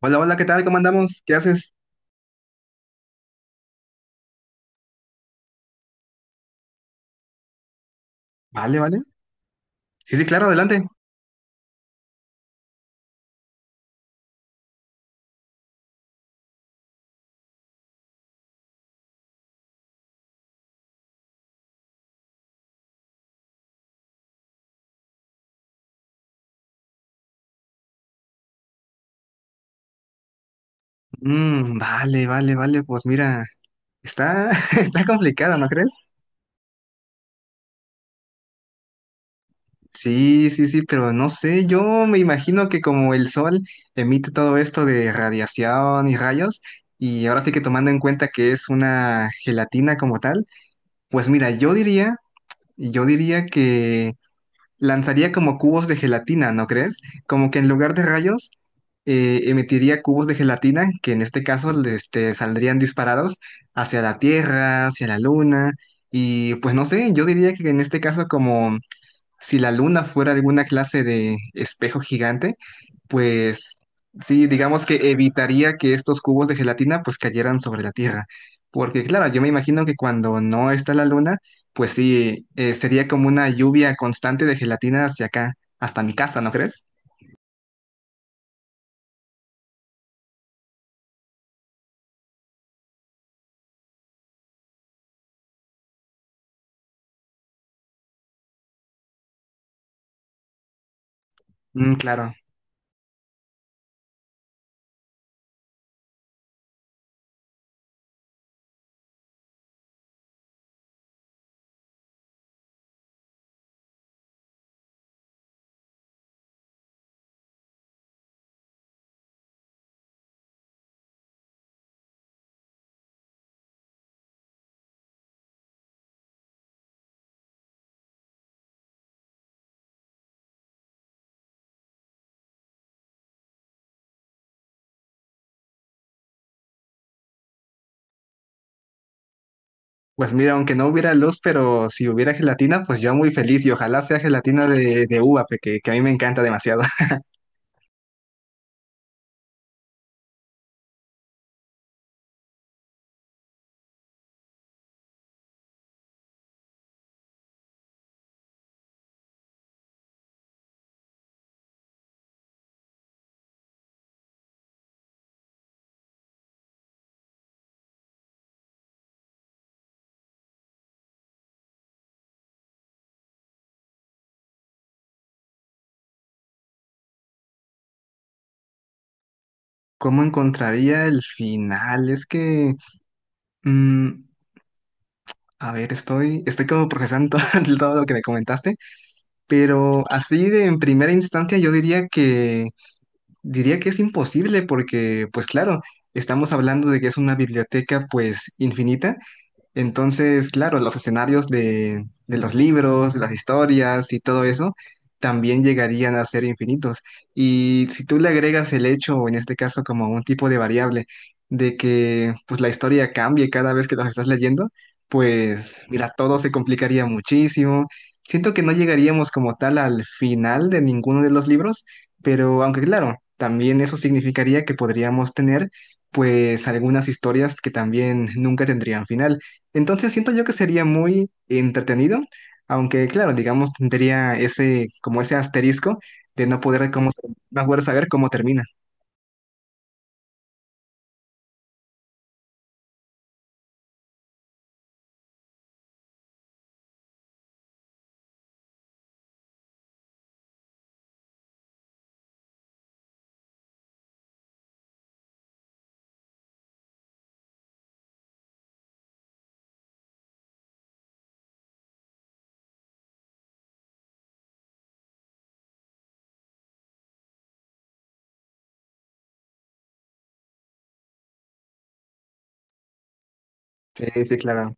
Hola, hola, ¿qué tal? ¿Cómo andamos? ¿Qué haces? Vale, vale. Sí, sí, claro, adelante. Vale, vale, vale. Pues mira, está, está complicado, ¿no crees? Sí, sí, sí, pero no sé, yo me imagino que como el sol emite todo esto de radiación y rayos, y ahora sí que tomando en cuenta que es una gelatina como tal, pues mira, yo diría que lanzaría como cubos de gelatina, ¿no crees? Como que en lugar de rayos, emitiría cubos de gelatina que en este caso saldrían disparados hacia la Tierra, hacia la Luna. Y pues no sé, yo diría que en este caso como si la luna fuera alguna clase de espejo gigante, pues sí, digamos que evitaría que estos cubos de gelatina pues cayeran sobre la Tierra. Porque claro, yo me imagino que cuando no está la luna, pues sí, sería como una lluvia constante de gelatina hacia acá, hasta mi casa, ¿no crees? Mm, claro. Pues mira, aunque no hubiera luz, pero si hubiera gelatina, pues yo muy feliz y ojalá sea gelatina de uva, que a mí me encanta demasiado. ¿Cómo encontraría el final? Es que... mm, a ver, estoy, estoy como procesando todo, lo que me comentaste, pero así de en primera instancia yo diría que es imposible porque, pues claro, estamos hablando de que es una biblioteca pues infinita, entonces, claro, los escenarios de los libros, de las historias y todo eso también llegarían a ser infinitos. Y si tú le agregas el hecho, o en este caso como un tipo de variable, de que pues la historia cambie cada vez que los estás leyendo, pues mira, todo se complicaría muchísimo. Siento que no llegaríamos como tal al final de ninguno de los libros, pero aunque claro, también eso significaría que podríamos tener pues algunas historias que también nunca tendrían final. Entonces siento yo que sería muy entretenido, aunque claro, digamos, tendría ese, como ese asterisco de no poder, cómo, no poder saber cómo termina. Sí, sí, claro.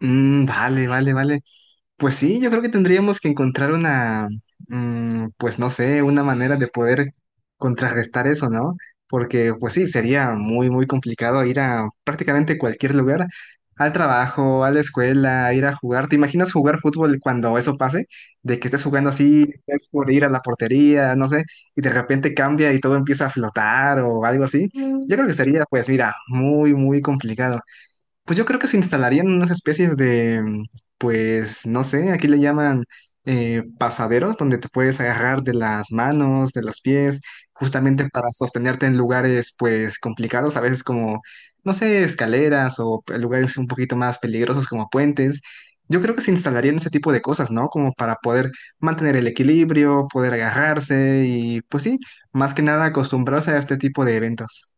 Vale, vale, vale. Pues sí, yo creo que tendríamos que encontrar una, pues no sé, una manera de poder contrarrestar eso, ¿no? Porque pues sí, sería muy, muy complicado ir a prácticamente cualquier lugar, al trabajo, a la escuela, ir a jugar. ¿Te imaginas jugar fútbol cuando eso pase? De que estés jugando así, estés por ir a la portería, no sé, y de repente cambia y todo empieza a flotar o algo así. Yo creo que sería, pues mira, muy, muy complicado. Pues yo creo que se instalarían unas especies de, pues no sé, aquí le llaman pasaderos, donde te puedes agarrar de las manos, de los pies, justamente para sostenerte en lugares pues complicados, a veces como, no sé, escaleras o lugares un poquito más peligrosos como puentes. Yo creo que se instalarían ese tipo de cosas, ¿no? Como para poder mantener el equilibrio, poder agarrarse y pues sí, más que nada acostumbrarse a este tipo de eventos.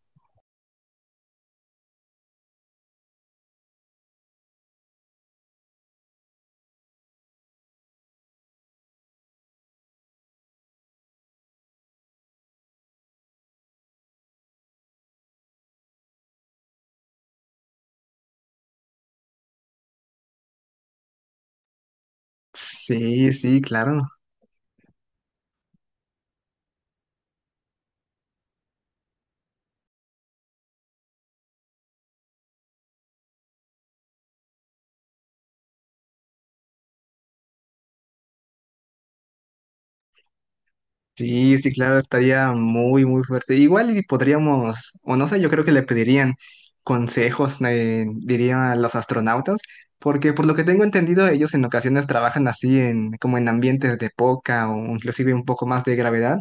Sí, sí, claro. Sí, sí, claro, estaría muy, muy fuerte. Igual y podríamos, o no sé, yo creo que le pedirían consejos, diría a los astronautas, porque por lo que tengo entendido, ellos en ocasiones trabajan así en, como en ambientes de poca o inclusive un poco más de gravedad.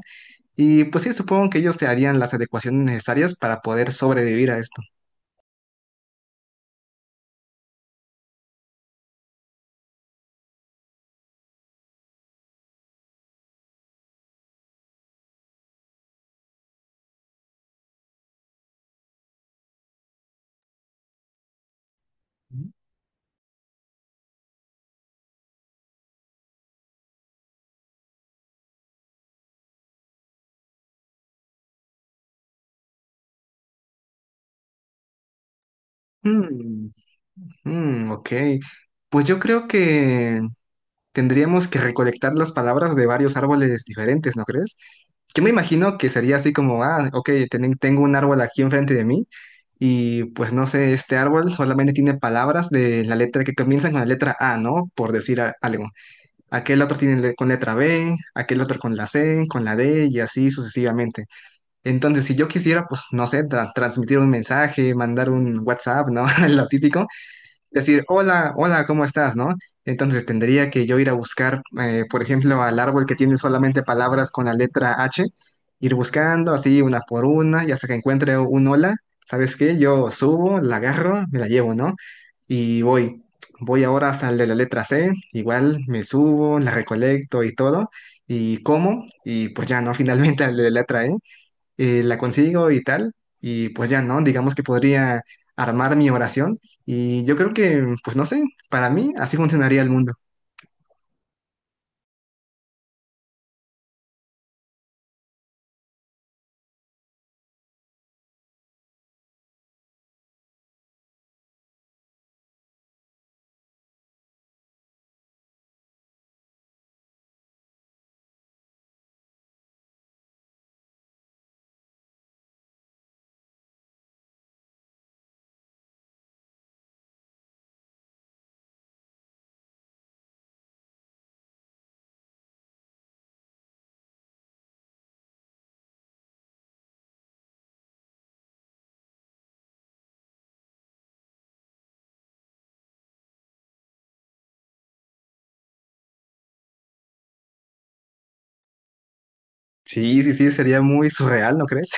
Y pues sí, supongo que ellos te harían las adecuaciones necesarias para poder sobrevivir a esto. Mm, ok. Pues yo creo que tendríamos que recolectar las palabras de varios árboles diferentes, ¿no crees? Yo me imagino que sería así como, ah, ok, tengo un árbol aquí enfrente de mí y pues no sé, este árbol solamente tiene palabras de la letra que comienzan con la letra A, ¿no? Por decir algo. Aquel otro tiene con letra B, aquel otro con la C, con la D y así sucesivamente. Entonces, si yo quisiera, pues no sé, transmitir un mensaje, mandar un WhatsApp, ¿no? Lo típico decir, hola, hola, ¿cómo estás? ¿No? Entonces tendría que yo ir a buscar, por ejemplo, al árbol que tiene solamente palabras con la letra H, ir buscando así una por una y hasta que encuentre un hola, ¿sabes qué? Yo subo, la agarro, me la llevo, ¿no? Y voy, voy ahora hasta el de la letra C, igual me subo, la recolecto y todo, y como, y pues ya, ¿no? Finalmente al de la letra E la consigo y tal, y pues ya, ¿no? Digamos que podría armar mi oración y yo creo que, pues no sé, para mí así funcionaría el mundo. Sí, sí, sí, sería muy surreal, ¿no crees?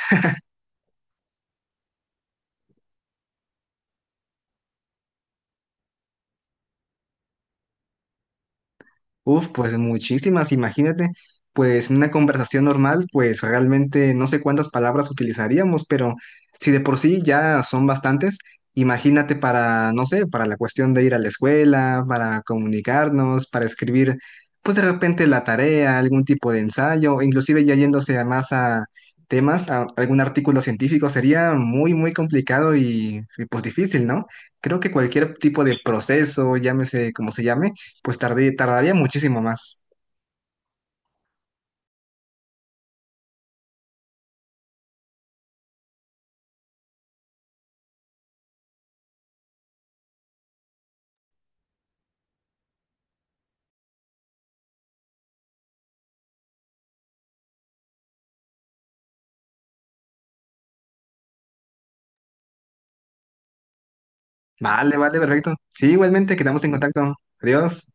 Uf, pues muchísimas, imagínate, pues en una conversación normal, pues realmente no sé cuántas palabras utilizaríamos, pero si de por sí ya son bastantes, imagínate para, no sé, para la cuestión de ir a la escuela, para comunicarnos, para escribir, pues de repente la tarea, algún tipo de ensayo, o inclusive ya yéndose a más a temas, a algún artículo científico, sería muy, muy complicado y pues difícil, ¿no? Creo que cualquier tipo de proceso, llámese como se llame, pues tardaría muchísimo más. Vale, vale, perfecto. Sí, igualmente, quedamos en contacto. Adiós.